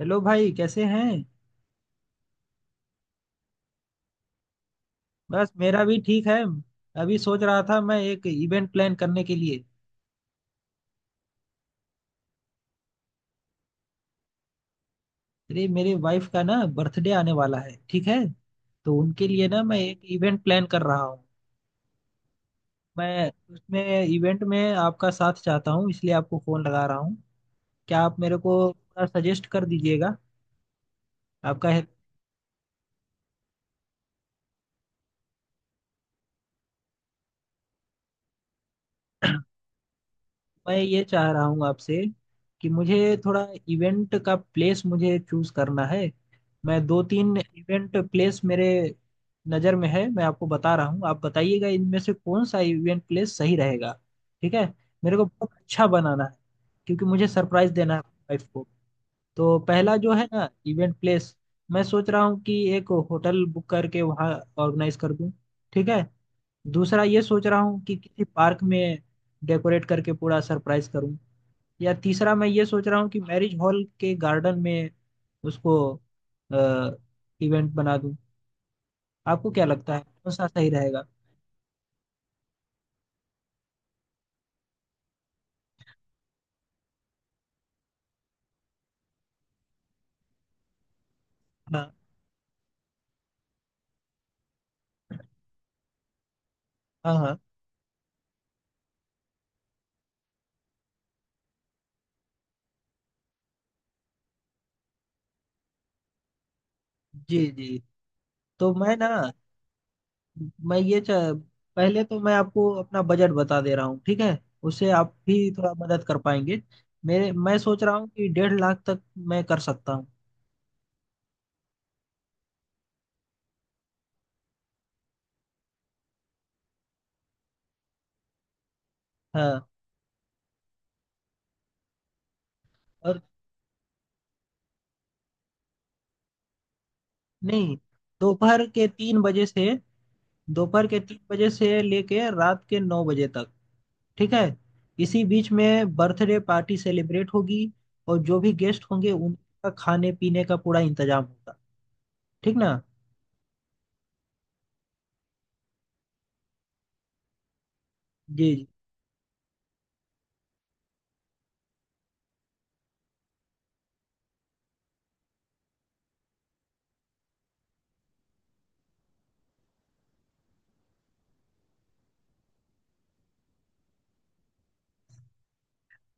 Hello भाई, कैसे हैं। बस मेरा भी ठीक है। अभी सोच रहा था मैं एक इवेंट प्लान करने के लिए। अरे मेरे वाइफ का ना बर्थडे आने वाला है, ठीक है। तो उनके लिए ना मैं एक इवेंट प्लान कर रहा हूँ। मैं उसमें इवेंट में आपका साथ चाहता हूँ, इसलिए आपको फोन लगा रहा हूँ। क्या आप मेरे को सजेस्ट कर दीजिएगा आपका। मैं ये चाह रहा हूँ आपसे कि मुझे थोड़ा इवेंट का प्लेस मुझे चूज करना है। मैं दो तीन इवेंट प्लेस मेरे नज़र में है, मैं आपको बता रहा हूँ, आप बताइएगा इनमें से कौन सा इवेंट प्लेस सही रहेगा, ठीक है। मेरे को बहुत अच्छा बनाना है क्योंकि मुझे सरप्राइज देना है वाइफ को। तो पहला जो है ना इवेंट प्लेस, मैं सोच रहा हूँ कि एक होटल बुक करके वहाँ ऑर्गेनाइज कर दूँ, ठीक है। दूसरा ये सोच रहा हूँ कि किसी पार्क में डेकोरेट करके पूरा सरप्राइज करूँ। या तीसरा मैं ये सोच रहा हूँ कि मैरिज हॉल के गार्डन में उसको इवेंट बना दूं। आपको क्या लगता है कौन सा सही रहेगा। हाँ हाँ हाँ। जी जी। तो मैं ना मैं ये च... पहले तो मैं आपको अपना बजट बता दे रहा हूँ, ठीक है। उससे आप भी थोड़ा मदद कर पाएंगे। मेरे मैं सोच रहा हूँ कि 1.5 लाख तक मैं कर सकता हूँ। हाँ। और नहीं, दोपहर के 3 बजे से दोपहर के 3 बजे से लेके रात के 9 बजे तक, ठीक है। इसी बीच में बर्थडे पार्टी सेलिब्रेट होगी और जो भी गेस्ट होंगे उनका खाने पीने का पूरा इंतजाम होगा, ठीक ना। जी जी।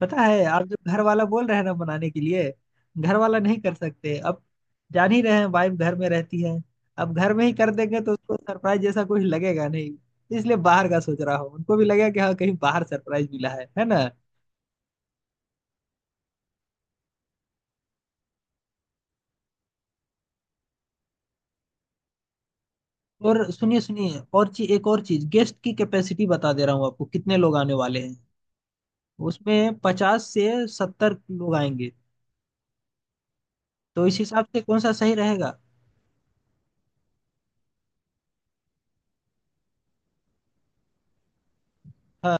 पता है आप जब घर वाला बोल रहे हैं ना बनाने के लिए, घर वाला नहीं कर सकते अब। जान ही रहे हैं वाइफ घर में रहती है, अब घर में ही कर देंगे तो उसको सरप्राइज जैसा कुछ लगेगा नहीं। इसलिए बाहर का सोच रहा हूँ, उनको भी लगेगा कि हाँ कहीं बाहर सरप्राइज मिला है ना। और सुनिए सुनिए, और चीज, एक और चीज, गेस्ट की कैपेसिटी बता दे रहा हूँ आपको, कितने लोग आने वाले हैं। उसमें 50 से 70 लोग आएंगे। तो इस हिसाब से कौन सा सही रहेगा। हाँ,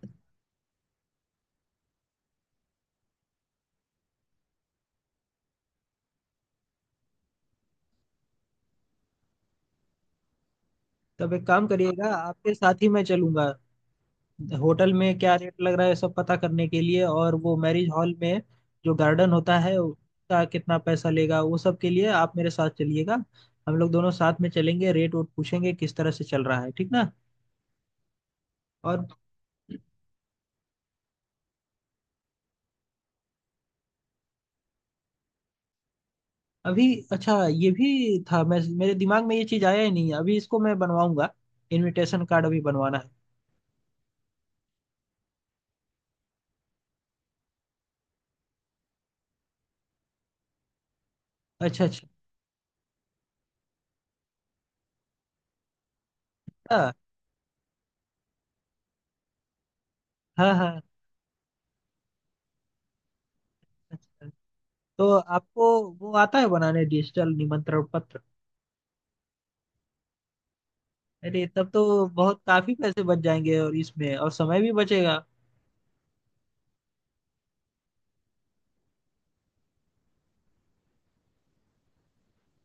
तब एक काम करिएगा, आपके साथ ही मैं चलूंगा। होटल में क्या रेट लग रहा है सब पता करने के लिए, और वो मैरिज हॉल में जो गार्डन होता है उसका कितना पैसा लेगा, वो सब के लिए आप मेरे साथ चलिएगा। हम लोग दोनों साथ में चलेंगे, रेट वोट पूछेंगे किस तरह से चल रहा है, ठीक ना। और अभी। अच्छा, ये भी था, मैं मेरे दिमाग में ये चीज़ आया ही नहीं है, अभी इसको मैं बनवाऊंगा। इनविटेशन कार्ड अभी बनवाना है। अच्छा अच्छा। हाँ, हाँ हाँ। अच्छा, तो आपको वो आता है बनाने डिजिटल निमंत्रण पत्र। अरे तब तो बहुत काफी पैसे बच जाएंगे, और इसमें और समय भी बचेगा।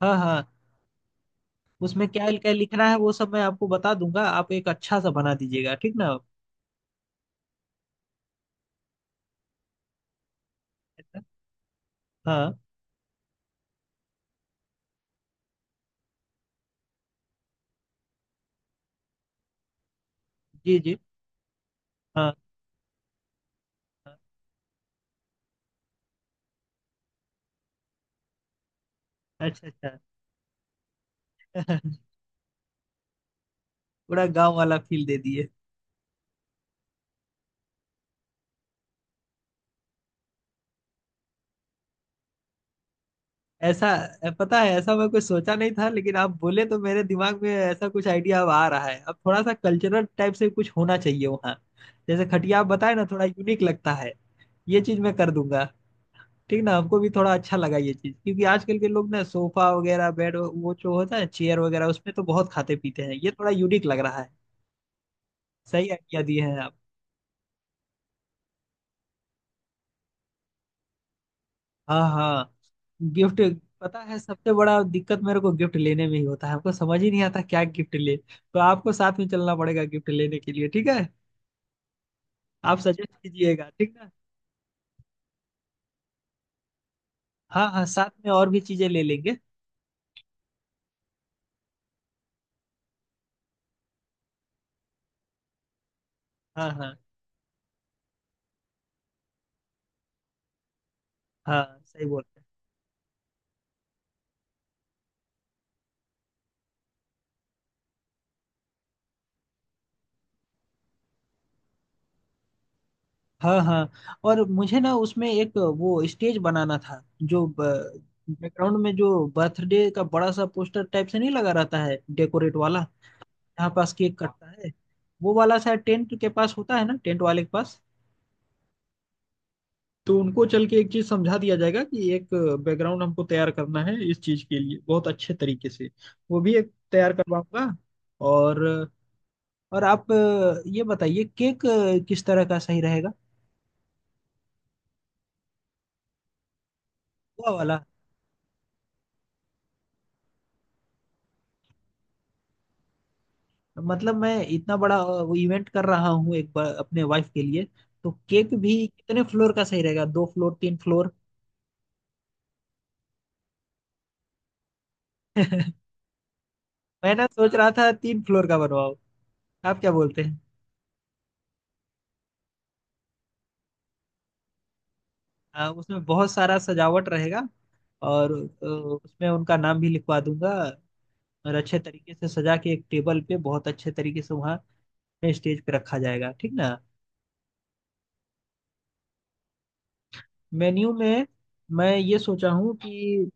हाँ हाँ। उसमें क्या क्या लिखना है वो सब मैं आपको बता दूंगा, आप एक अच्छा सा बना दीजिएगा, ठीक ना। ऐसा? हाँ। जी जी। हाँ हाँ। अच्छा अच्छा। पूरा गांव वाला फील दे दिए। ऐसा। पता है, ऐसा मैं कुछ सोचा नहीं था, लेकिन आप बोले तो मेरे दिमाग में ऐसा कुछ आइडिया अब आ रहा है। अब थोड़ा सा कल्चरल टाइप से कुछ होना चाहिए वहाँ। जैसे खटिया आप बताए ना, थोड़ा यूनिक लगता है। ये चीज मैं कर दूंगा, ठीक ना। हमको भी थोड़ा अच्छा लगा ये चीज, क्योंकि आजकल के लोग ना सोफा वगैरह बेड वो जो होता है चेयर वगैरह उसमें तो बहुत खाते पीते हैं, ये थोड़ा यूनिक लग रहा है। सही आइडिया दिए हैं आप। हाँ हाँ। गिफ्ट। पता है, सबसे बड़ा दिक्कत मेरे को गिफ्ट लेने में ही होता है, हमको समझ ही नहीं आता क्या गिफ्ट ले। तो आपको साथ में चलना पड़ेगा गिफ्ट लेने के लिए, ठीक है। आप सजेस्ट कीजिएगा, ठीक ना। हाँ हाँ, साथ में और भी चीजें ले लेंगे। हाँ हाँ हाँ सही बोल रहे हैं। हाँ हाँ, और मुझे ना उसमें एक वो स्टेज बनाना था, जो बैकग्राउंड में, जो बर्थडे का बड़ा सा पोस्टर टाइप से नहीं लगा रहता है डेकोरेट वाला, यहाँ पास केक कटता है, वो वाला शायद टेंट के पास होता है ना, टेंट वाले के पास। तो उनको चल के एक चीज समझा दिया जाएगा कि एक बैकग्राउंड हमको तैयार करना है इस चीज के लिए बहुत अच्छे तरीके से। वो भी एक तैयार करवाऊंगा। और। और आप ये बताइए केक किस तरह का सही रहेगा। हलवा वाला। मतलब मैं इतना बड़ा वो इवेंट कर रहा हूँ एक बार अपने वाइफ के लिए। तो केक भी कितने फ्लोर का सही रहेगा, दो फ्लोर तीन फ्लोर। मैं ना सोच रहा था तीन फ्लोर का बनवाओ। आप क्या बोलते हैं। हाँ, उसमें बहुत सारा सजावट रहेगा। और उसमें उनका नाम भी लिखवा दूंगा। और अच्छे तरीके से सजा के एक टेबल पे बहुत अच्छे तरीके से वहाँ स्टेज पे रखा जाएगा, ठीक ना। मेन्यू में मैं ये सोचा हूँ कि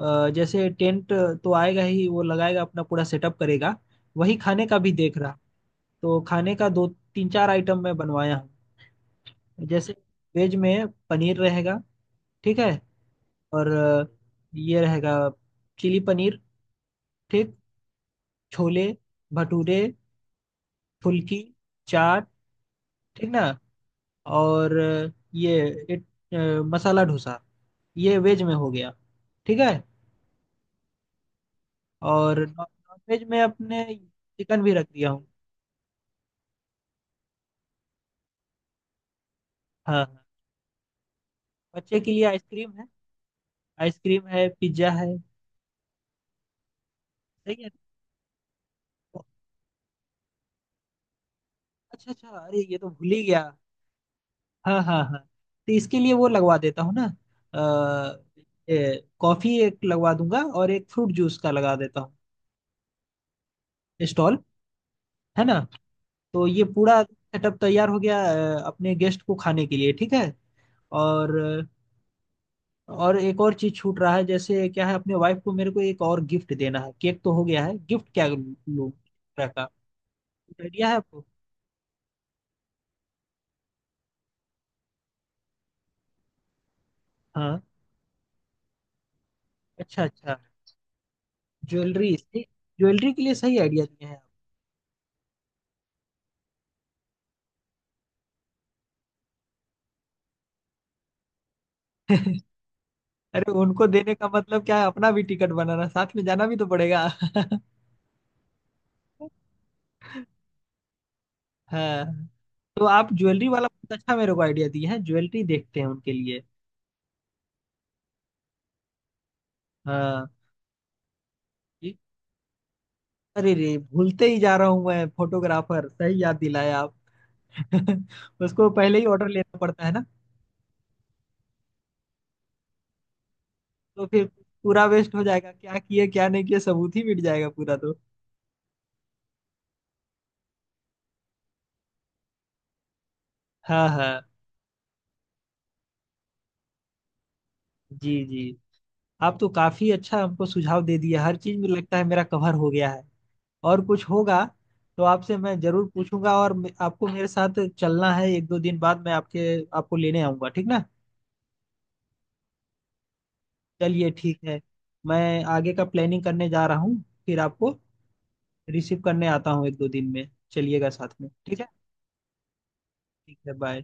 जैसे टेंट तो आएगा ही, वो लगाएगा अपना पूरा सेटअप करेगा, वही खाने का भी देख रहा। तो खाने का दो तीन चार आइटम मैं बनवाया हूँ, जैसे वेज में पनीर रहेगा, ठीक है। और ये रहेगा चिली पनीर, ठीक। छोले भटूरे फुल्की चाट, ठीक ना। और ये इट अ, मसाला डोसा, ये वेज में हो गया, ठीक है। और नॉन वेज में अपने चिकन भी रख दिया हूँ। हाँ हाँ। बच्चे के लिए आइसक्रीम है, आइसक्रीम है पिज्जा है। सही है। अच्छा अच्छा, अरे ये तो भूल ही गया। हाँ हाँ हाँ, तो इसके लिए वो लगवा देता हूँ ना। अ, ये कॉफी एक लगवा दूंगा और एक फ्रूट जूस का लगा देता हूँ स्टॉल, है ना। तो ये पूरा सेटअप तैयार हो गया अपने गेस्ट को खाने के लिए, ठीक है। और। और एक और चीज छूट रहा है, जैसे क्या है, अपने वाइफ को मेरे को एक और गिफ्ट देना है, केक तो हो गया है, गिफ्ट क्या लूं तरह का, आइडिया है आपको। हाँ। अच्छा अच्छा, ज्वेलरी। ज्वेलरी के लिए सही आइडिया दिए हैं आप। अरे उनको देने का मतलब क्या है, अपना भी टिकट बनाना, साथ में जाना भी तो पड़ेगा। हाँ, तो आप ज्वेलरी वाला बहुत अच्छा मेरे को आइडिया दिए हैं, ज्वेलरी देखते हैं उनके लिए। हाँ। ये- अरे रे भूलते ही जा रहा हूँ मैं, फोटोग्राफर, सही याद दिलाया आप। उसको पहले ही ऑर्डर लेना पड़ता है। तो फिर पूरा वेस्ट हो जाएगा, क्या किए क्या नहीं किए सबूत ही मिट जाएगा पूरा, तो। हाँ हाँ। जी जी। आप तो काफी अच्छा हमको सुझाव दे दिया, हर चीज में लगता है मेरा कवर हो गया है। और कुछ होगा तो आपसे मैं जरूर पूछूंगा। और आपको मेरे साथ चलना है एक दो दिन बाद, मैं आपके आपको लेने आऊंगा, ठीक ना। चलिए ठीक है, मैं आगे का प्लानिंग करने जा रहा हूँ। फिर आपको रिसीव करने आता हूँ एक दो दिन में, चलिएगा साथ में, ठीक है। ठीक है बाय।